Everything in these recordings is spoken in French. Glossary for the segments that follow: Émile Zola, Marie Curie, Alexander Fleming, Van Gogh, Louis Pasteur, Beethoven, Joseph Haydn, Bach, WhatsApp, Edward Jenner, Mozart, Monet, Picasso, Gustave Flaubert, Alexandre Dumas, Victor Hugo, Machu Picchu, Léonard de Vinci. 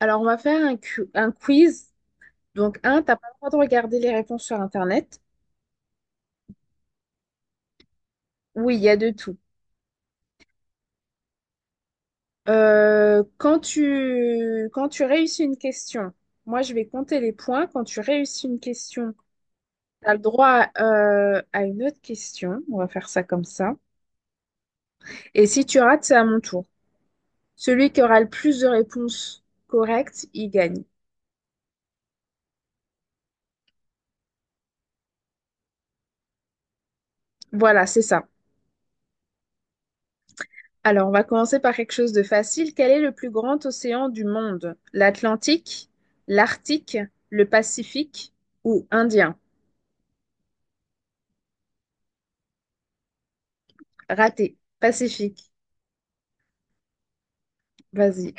Alors, on va faire un quiz. Donc, un, t'as pas le droit de regarder les réponses sur Internet. Oui, il y a de tout. Quand tu réussis une question, moi, je vais compter les points. Quand tu réussis une question, t'as le droit à une autre question. On va faire ça comme ça. Et si tu rates, c'est à mon tour. Celui qui aura le plus de réponses correctes, il gagne. Voilà, c'est ça. Alors, on va commencer par quelque chose de facile. Quel est le plus grand océan du monde? L'Atlantique, l'Arctique, le Pacifique ou Indien? Raté. Pacifique. Vas-y.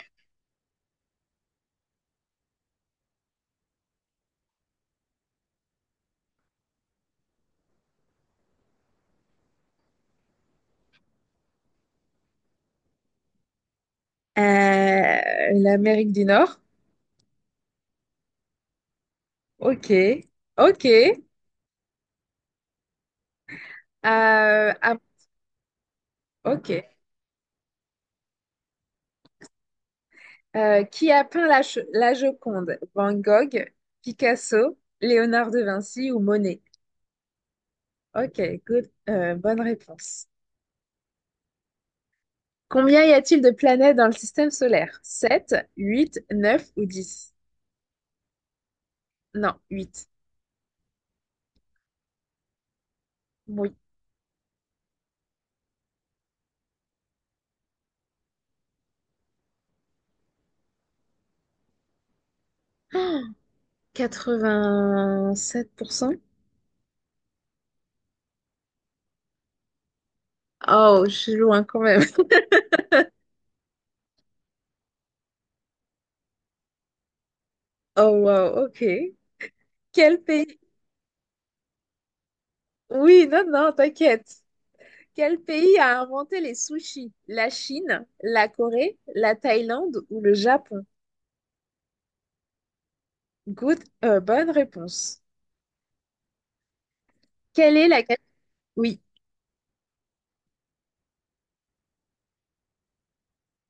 l'Amérique du Nord. Ok. Ok. Ah, ok. Qui a peint la Joconde? Van Gogh, Picasso, Léonard de Vinci ou Monet? Ok. Good. Bonne réponse. Combien y a-t-il de planètes dans le système solaire? 7, 8, 9 ou dix. Non, huit. Oui. 87%. Oh, je suis loin quand même. Oh, wow, ok. Quel pays? Oui, non, non, t'inquiète. Quel pays a inventé les sushis? La Chine, la Corée, la Thaïlande ou le Japon? Good, bonne réponse. Quelle est la cap- Oui.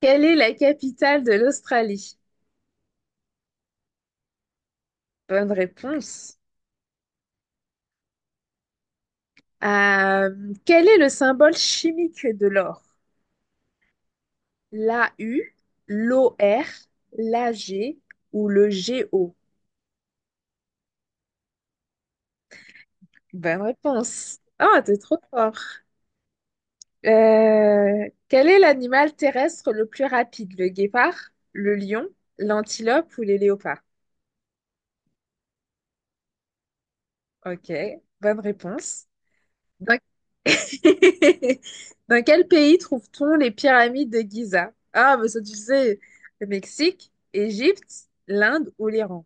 Quelle est la capitale de l'Australie? Bonne réponse. Quel est le symbole chimique de l'or? La U, l'O R, la G ou le G O. Bonne réponse. Ah, t'es trop fort. Quel est l'animal terrestre le plus rapide? Le guépard, le lion, l'antilope ou les léopards? Ok, bonne réponse. Dans, Dans quel pays trouve-t-on les pyramides de Gizeh? Ah, mais ça, tu sais, le Mexique, Égypte, l'Inde ou l'Iran?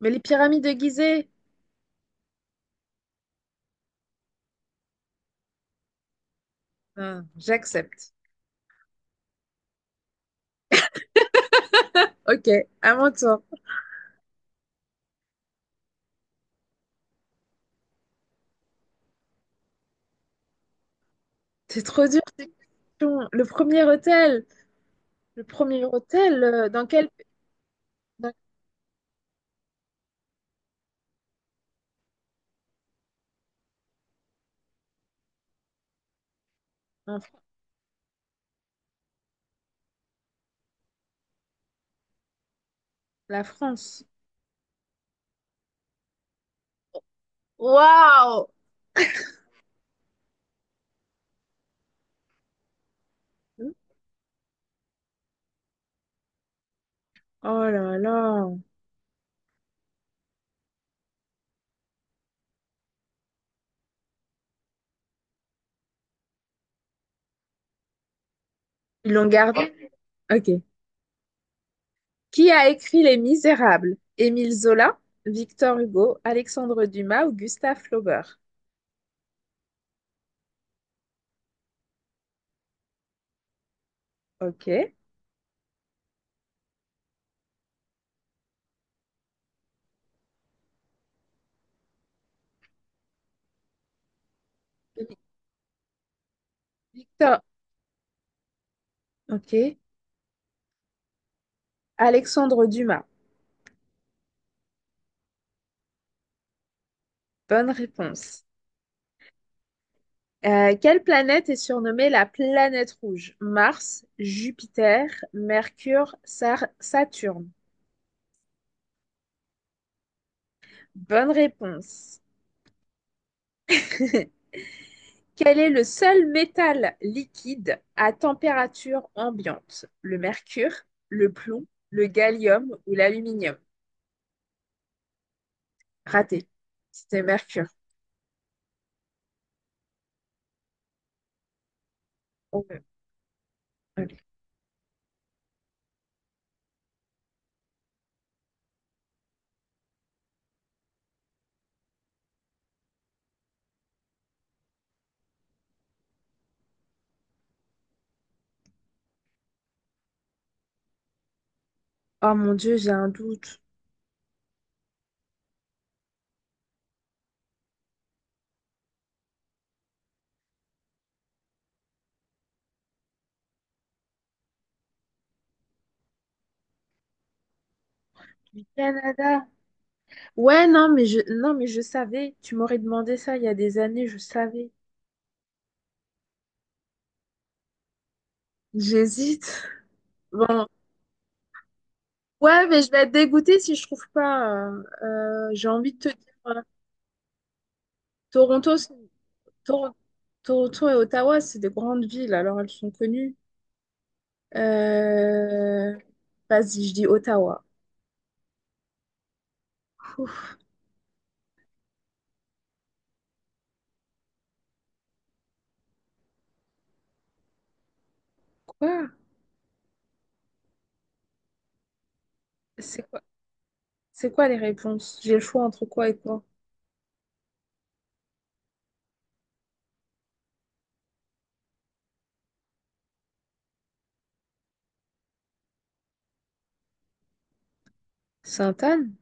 Mais les pyramides de Gizeh. Ah, j'accepte. Ok, à mon tour. C'est trop dur ces questions. Le premier hôtel, dans quel dans- en la France. Waouh! Oh là là. Ils l'ont gardé? Ok. Qui a écrit Les Misérables? Émile Zola, Victor Hugo, Alexandre Dumas ou Gustave Flaubert? Ok. Victor. Ok. Alexandre Dumas. Bonne réponse. Quelle planète est surnommée la planète rouge? Mars, Jupiter, Mercure, Saturne. Bonne réponse. Quel est le seul métal liquide à température ambiante? Le mercure, le plomb, le gallium ou l'aluminium? Raté. C'était mercure. Oh, allez. Oh mon Dieu, j'ai un doute. Du Canada. Ouais, non, mais je savais. Tu m'aurais demandé ça il y a des années, je savais. J'hésite. Bon, ouais, mais je vais être dégoûtée si je trouve pas. J'ai envie de te dire, euh, Toronto, c'est- Toro- Toronto et Ottawa, c'est des grandes villes, alors elles sont connues. Euh, vas-y, je dis Ottawa. Ouf, quoi? C'est quoi? C'est quoi les réponses? J'ai le choix entre quoi et quoi? Sainte-Anne?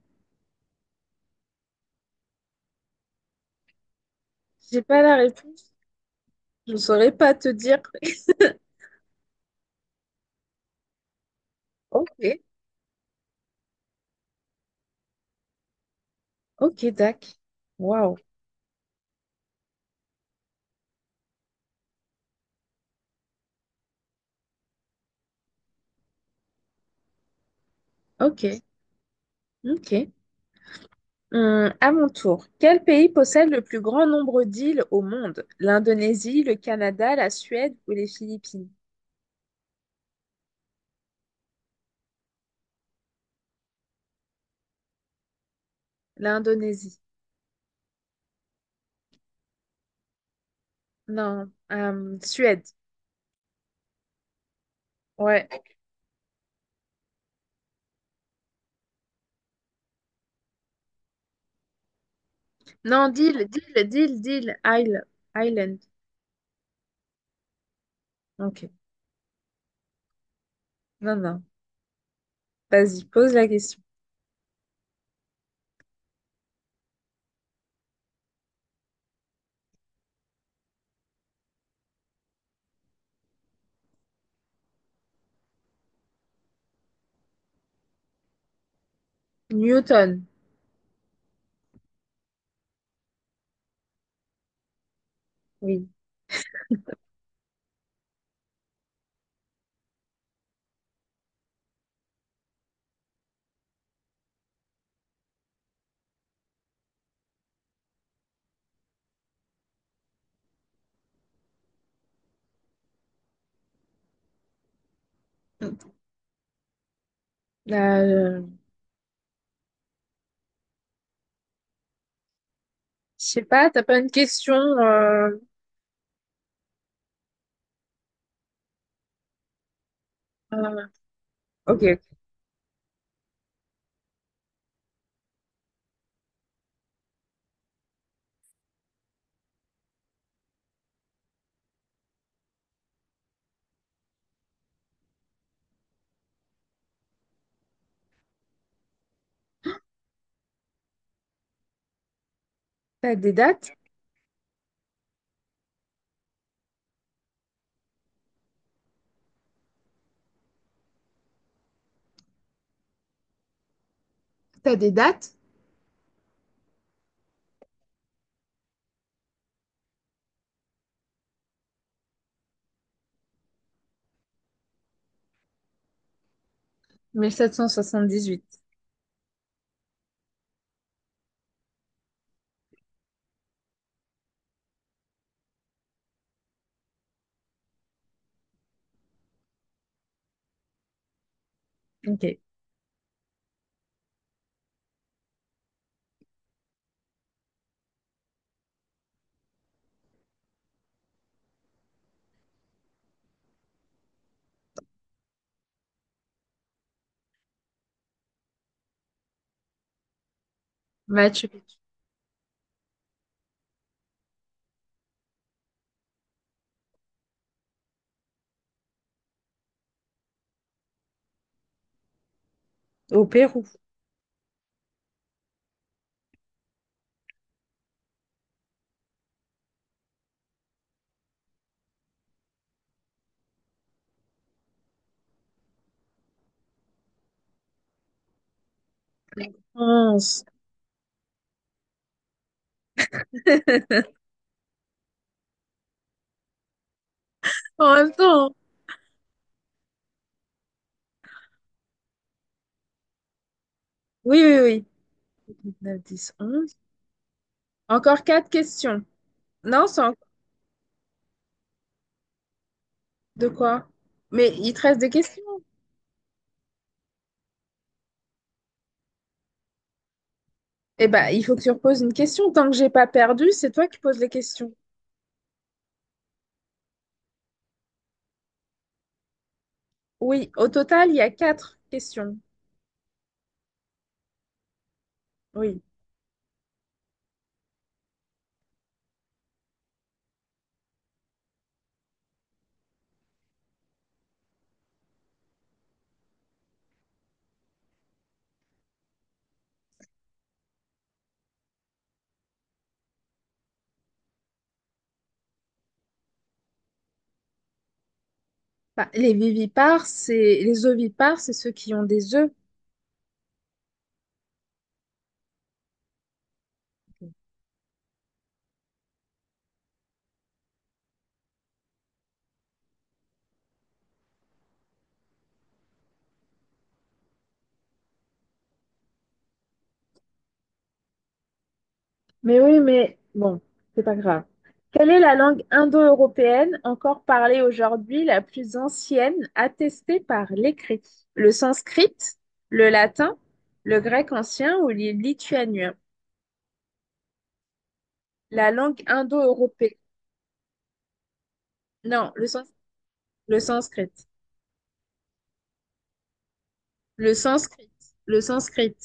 J'ai pas la réponse. Je ne saurais pas te dire. Ok, ok, Dac. Waouh. Ok, ok. À mon tour, quel pays possède le plus grand nombre d'îles au monde? L'Indonésie, le Canada, la Suède ou les Philippines? L'Indonésie. Non, Suède. Ouais. Non, d'île, d'île, d'île, d'île, isle, island. Ok. Non, non. Vas-y, pose la question. Newton. Oui. Euh, je sais pas, t'as pas une question. Euh, ok. Ok. T'as des dates? T'as des dates? 1778. Ok. Machu Picchu. Au Pérou. 11. En même temps. Oui, oui, oui. 9, 10, 11. Encore quatre questions. Non, c'est encore de quoi? Mais il te reste des questions. Eh ben, il faut que tu reposes une question. Tant que j'ai pas perdu, c'est toi qui poses les questions. Oui, au total, il y a quatre questions. Oui. Bah, les vivipares, c'est les ovipares, c'est ceux qui ont des œufs. Mais oui, mais bon, c'est pas grave. Quelle est la langue indo-européenne encore parlée aujourd'hui, la plus ancienne, attestée par l'écrit? Le sanskrit, le latin, le grec ancien ou le lituanien? La langue indo-européenne. Non, le sans- le sanskrit. Le sanskrit. Le sanskrit.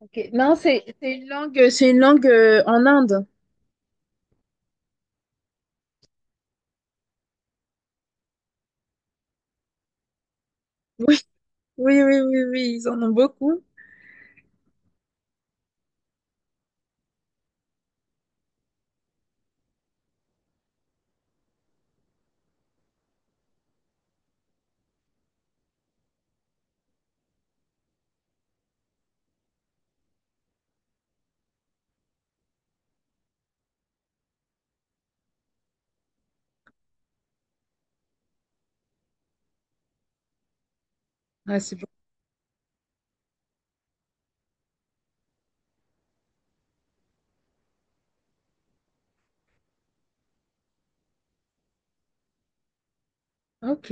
Ok. Non, c'est une langue, c'est une langue en Inde. Oui, oui, oui, oui, oui, ils en ont beaucoup. Ah, c'est bon. Ok.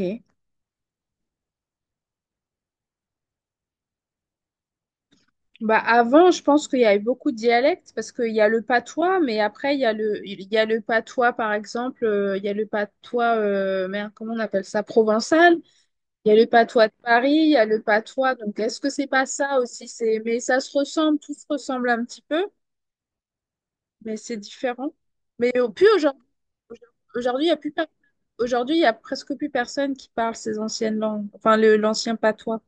Bah, avant, je pense qu'il y avait beaucoup de dialectes parce qu'il y a le patois, mais après, il y a le patois, par exemple, il y a le patois, merde, comment on appelle ça, provençal, il y a le patois de Paris, il y a le patois. Donc, est-ce que c'est pas ça aussi? Mais ça se ressemble, tout se ressemble un petit peu. Mais c'est différent. Mais au plus aujourd'hui, aujourd'hui, il y a plus per- aujourd'hui, il y a presque plus personne qui parle ces anciennes langues, enfin le l'ancien patois.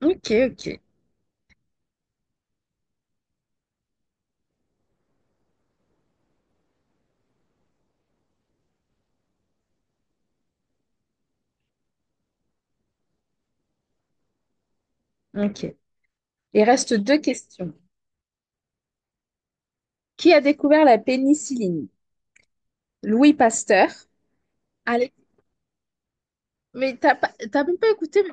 Ok, ok, ok. Il reste deux questions. Qui a découvert la pénicilline? Louis Pasteur. Alex... Mais t'as même pas écouté.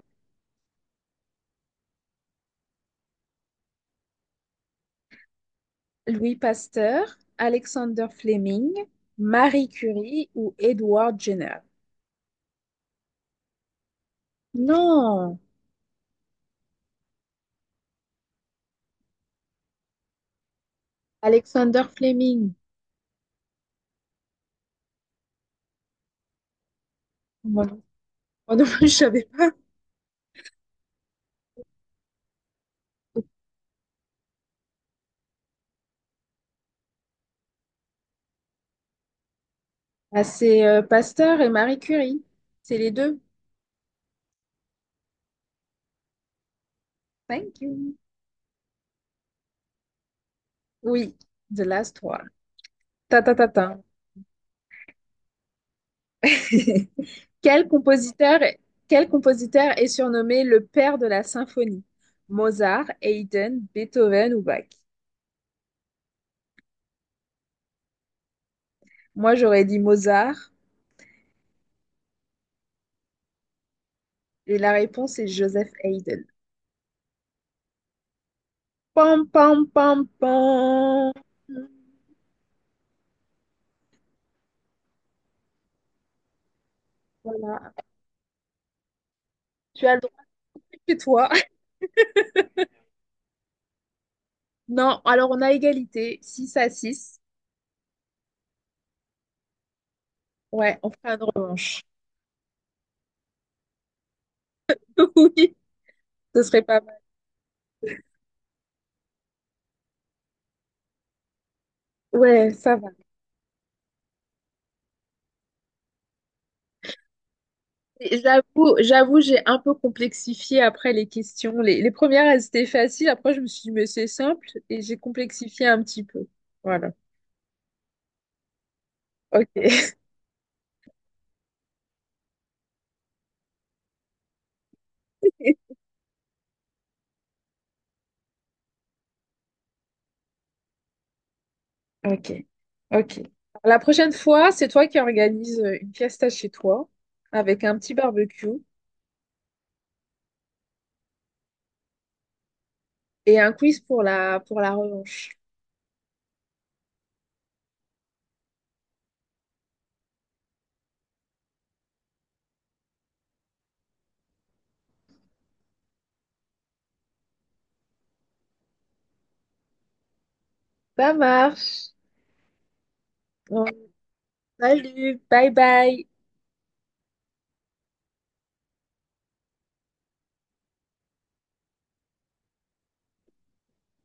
Louis Pasteur, Alexander Fleming, Marie Curie ou Edward Jenner? Non, Alexander Fleming. Moi non, moi non plus, je savais pas. Ah, c'est Pasteur et Marie Curie. C'est les deux. Thank you. Oui, the last one. Ta ta ta ta. Quel compositeur, quel compositeur est surnommé le père de la symphonie? Mozart, Haydn, Beethoven ou Bach? Moi, j'aurais dit Mozart et la réponse est Joseph Haydn. Pam pam pam pam. Voilà. Tu as le droit chez toi. Non, alors on a égalité, 6-6. Ouais, on fera une revanche. Oui, ce serait pas ouais, ça va. Et j'avoue, j'ai un peu complexifié après les questions. Les premières, elles étaient faciles. Après, je me suis dit, mais c'est simple. Et j'ai complexifié un petit peu. Voilà. OK. Ok, ok. La prochaine fois, c'est toi qui organise une fiesta chez toi avec un petit barbecue et un quiz pour la revanche. Ça marche. Bon, salut, bye bye.